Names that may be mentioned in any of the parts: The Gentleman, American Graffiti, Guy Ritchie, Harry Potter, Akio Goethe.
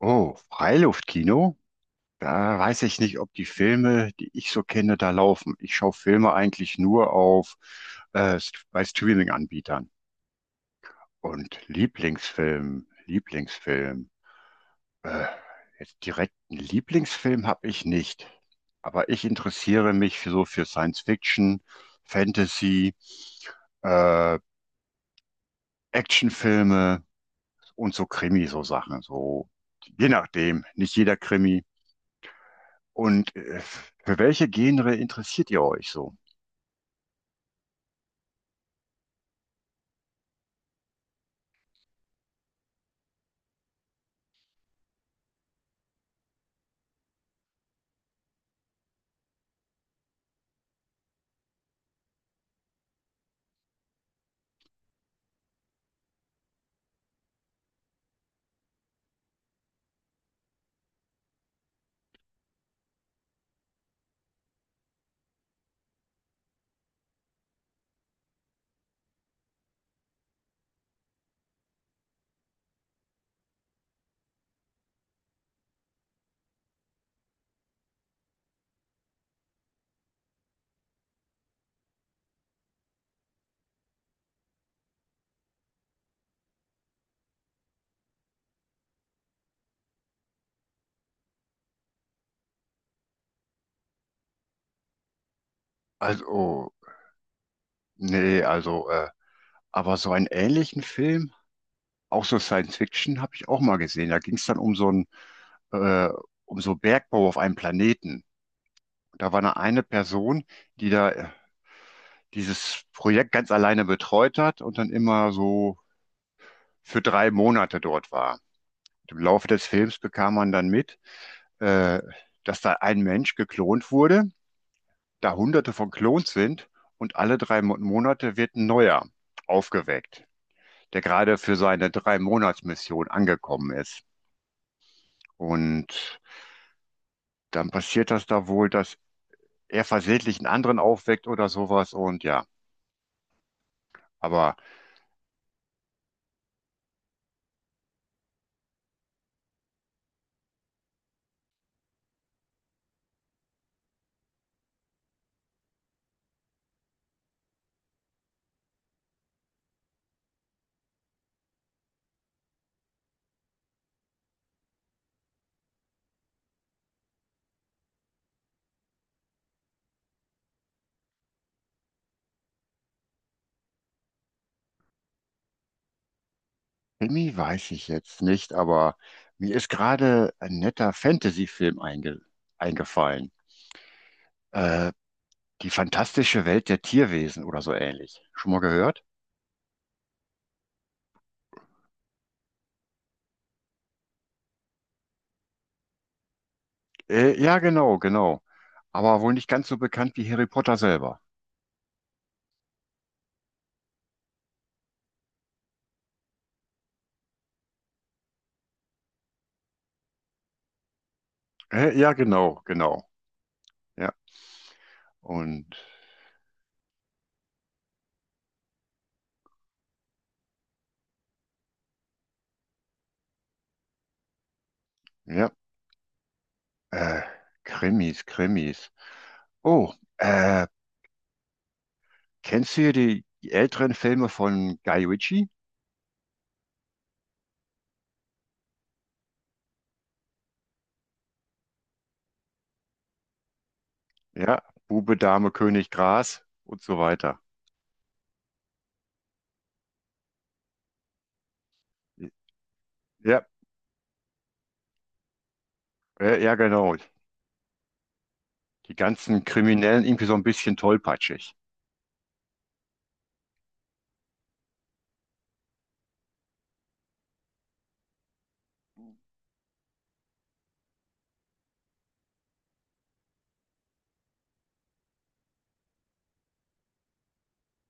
Oh, Freiluftkino? Da weiß ich nicht, ob die Filme, die ich so kenne, da laufen. Ich schaue Filme eigentlich nur auf bei Streaming-Anbietern. Und Lieblingsfilm, Lieblingsfilm. Äh, Jetzt direkt einen Lieblingsfilm habe ich nicht. Aber ich interessiere mich für, so für Science Fiction, Fantasy, äh, Actionfilme und so Krimi, so Sachen. So, je nachdem. Nicht jeder Krimi. Und für welche Genre interessiert ihr euch so? Also, nee, also, aber so einen ähnlichen Film, auch so Science Fiction, habe ich auch mal gesehen. Da ging es dann um so einen, äh, um so Bergbau auf einem Planeten. Da war eine Person, die da dieses Projekt ganz alleine betreut hat und dann immer so für 3 Monate dort war. Im Laufe des Films bekam man dann mit, äh, dass da ein Mensch geklont wurde, da Hunderte von Klons sind, und alle Monate wird ein neuer aufgeweckt, der gerade für seine Drei-Monats-Mission angekommen ist. Und dann passiert das da wohl, dass er versehentlich einen anderen aufweckt oder sowas. Und ja, aber Krimi weiß ich jetzt nicht, aber mir ist gerade ein netter Fantasy-Film einge eingefallen. Äh, Die fantastische Welt der Tierwesen oder so ähnlich. Schon mal gehört? Ja, genau, genau. Aber wohl nicht ganz so bekannt wie Harry Potter selber. Ja, genau, genau. Ja. Und ja, äh, Krimis, Krimis. Oh, äh, kennst du hier die älteren Filme von Guy Ritchie? Ja, Bube, Dame, König, Gras und so weiter. Ja, ja, genau. Die ganzen Kriminellen irgendwie so ein bisschen tollpatschig.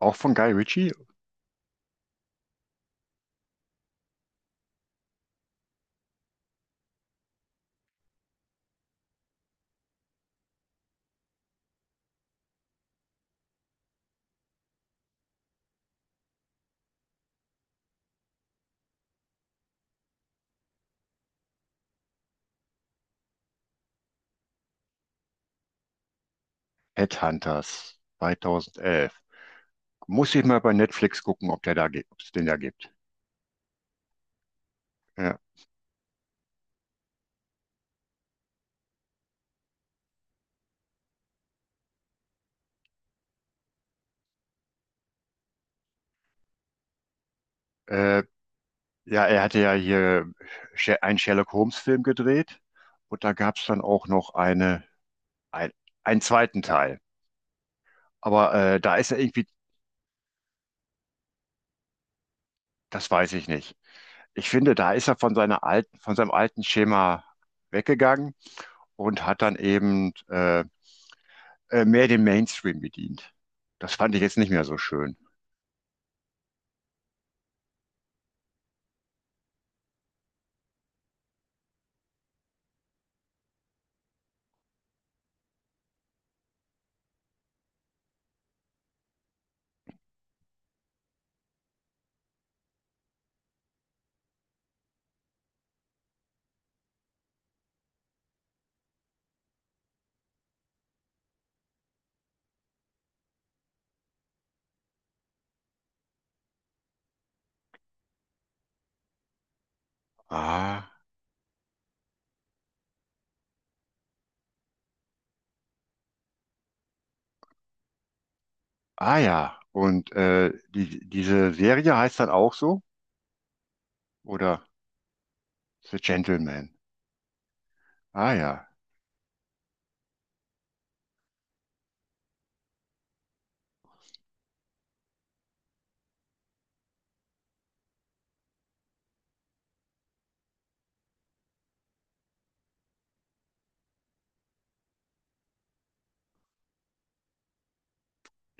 Auch von Guy Ritchie, Headhunters 2011. Muss ich mal bei Netflix gucken, ob der da gibt, ob es den da gibt. Ja. Äh, ja, er hatte ja hier einen Sherlock-Holmes-Film gedreht und da gab es dann auch noch eine, ein, einen zweiten Teil. Aber da ist er irgendwie, das weiß ich nicht. Ich finde, da ist er von seiner alten, von seinem alten Schema weggegangen und hat dann eben mehr den Mainstream bedient. Das fand ich jetzt nicht mehr so schön. Ah, ah ja. Und die, diese Serie heißt dann auch so? Oder The Gentleman? Ah ja.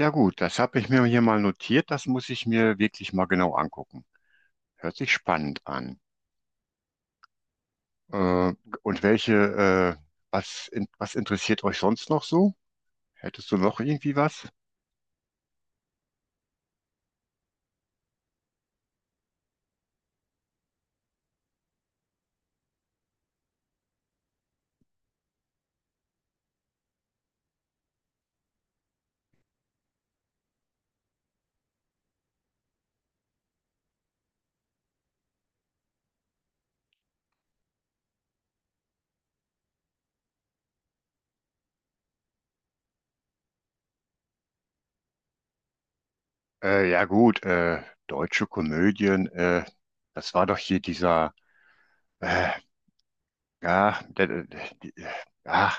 Ja gut, das habe ich mir hier mal notiert. Das muss ich mir wirklich mal genau angucken. Hört sich spannend an. Äh, und welche, äh, was, in, was interessiert euch sonst noch so? Hättest du noch irgendwie was? Ja gut, deutsche Komödien, das war doch hier dieser, äh, ja, der, ah,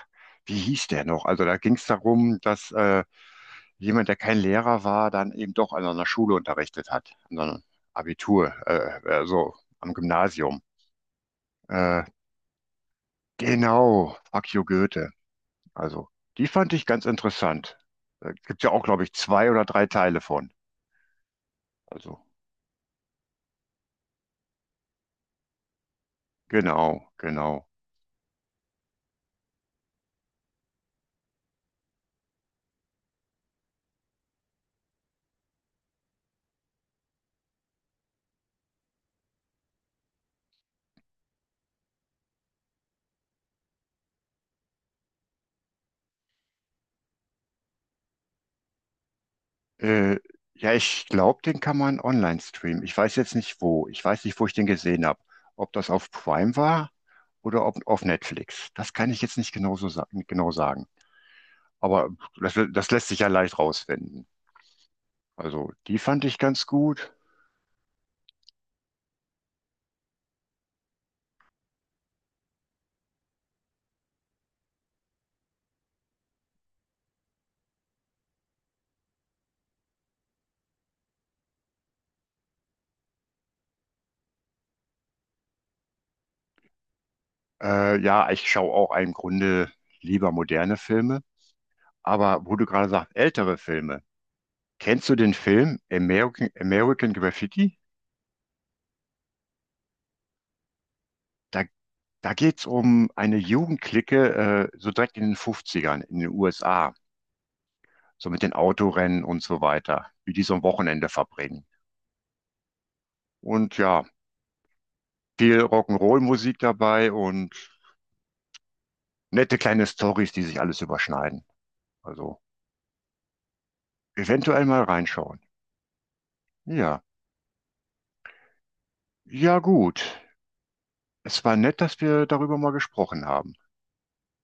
wie hieß der noch? Also da ging es darum, dass jemand, der kein Lehrer war, dann eben doch an einer Schule unterrichtet hat, an so einem Abitur, so am Gymnasium. Äh, genau, Akio Goethe. Also die fand ich ganz interessant. Da gibt ja auch, glaube ich, zwei oder drei Teile von. Also genau, genau. Äh, ja, ich glaube, den kann man online streamen. Ich weiß jetzt nicht wo. Ich weiß nicht, wo ich den gesehen habe. Ob das auf Prime war? Oder ob auf Netflix. Das kann ich jetzt nicht genau so sa genau sagen. Aber das, das lässt sich ja leicht rausfinden. Also die fand ich ganz gut. Ja, ich schaue auch im Grunde lieber moderne Filme. Aber wo du gerade sagst, ältere Filme. Kennst du den Film American Graffiti? Da, da geht es um eine Jugendclique, so direkt in den Fünfzigern in den USA. So mit den Autorennen und so weiter. Wie die so ein Wochenende verbringen. Und ja, viel Rock'n'Roll-Musik dabei und nette kleine Storys, die sich alles überschneiden. Also eventuell mal reinschauen. Ja, ja gut. Es war nett, dass wir darüber mal gesprochen haben.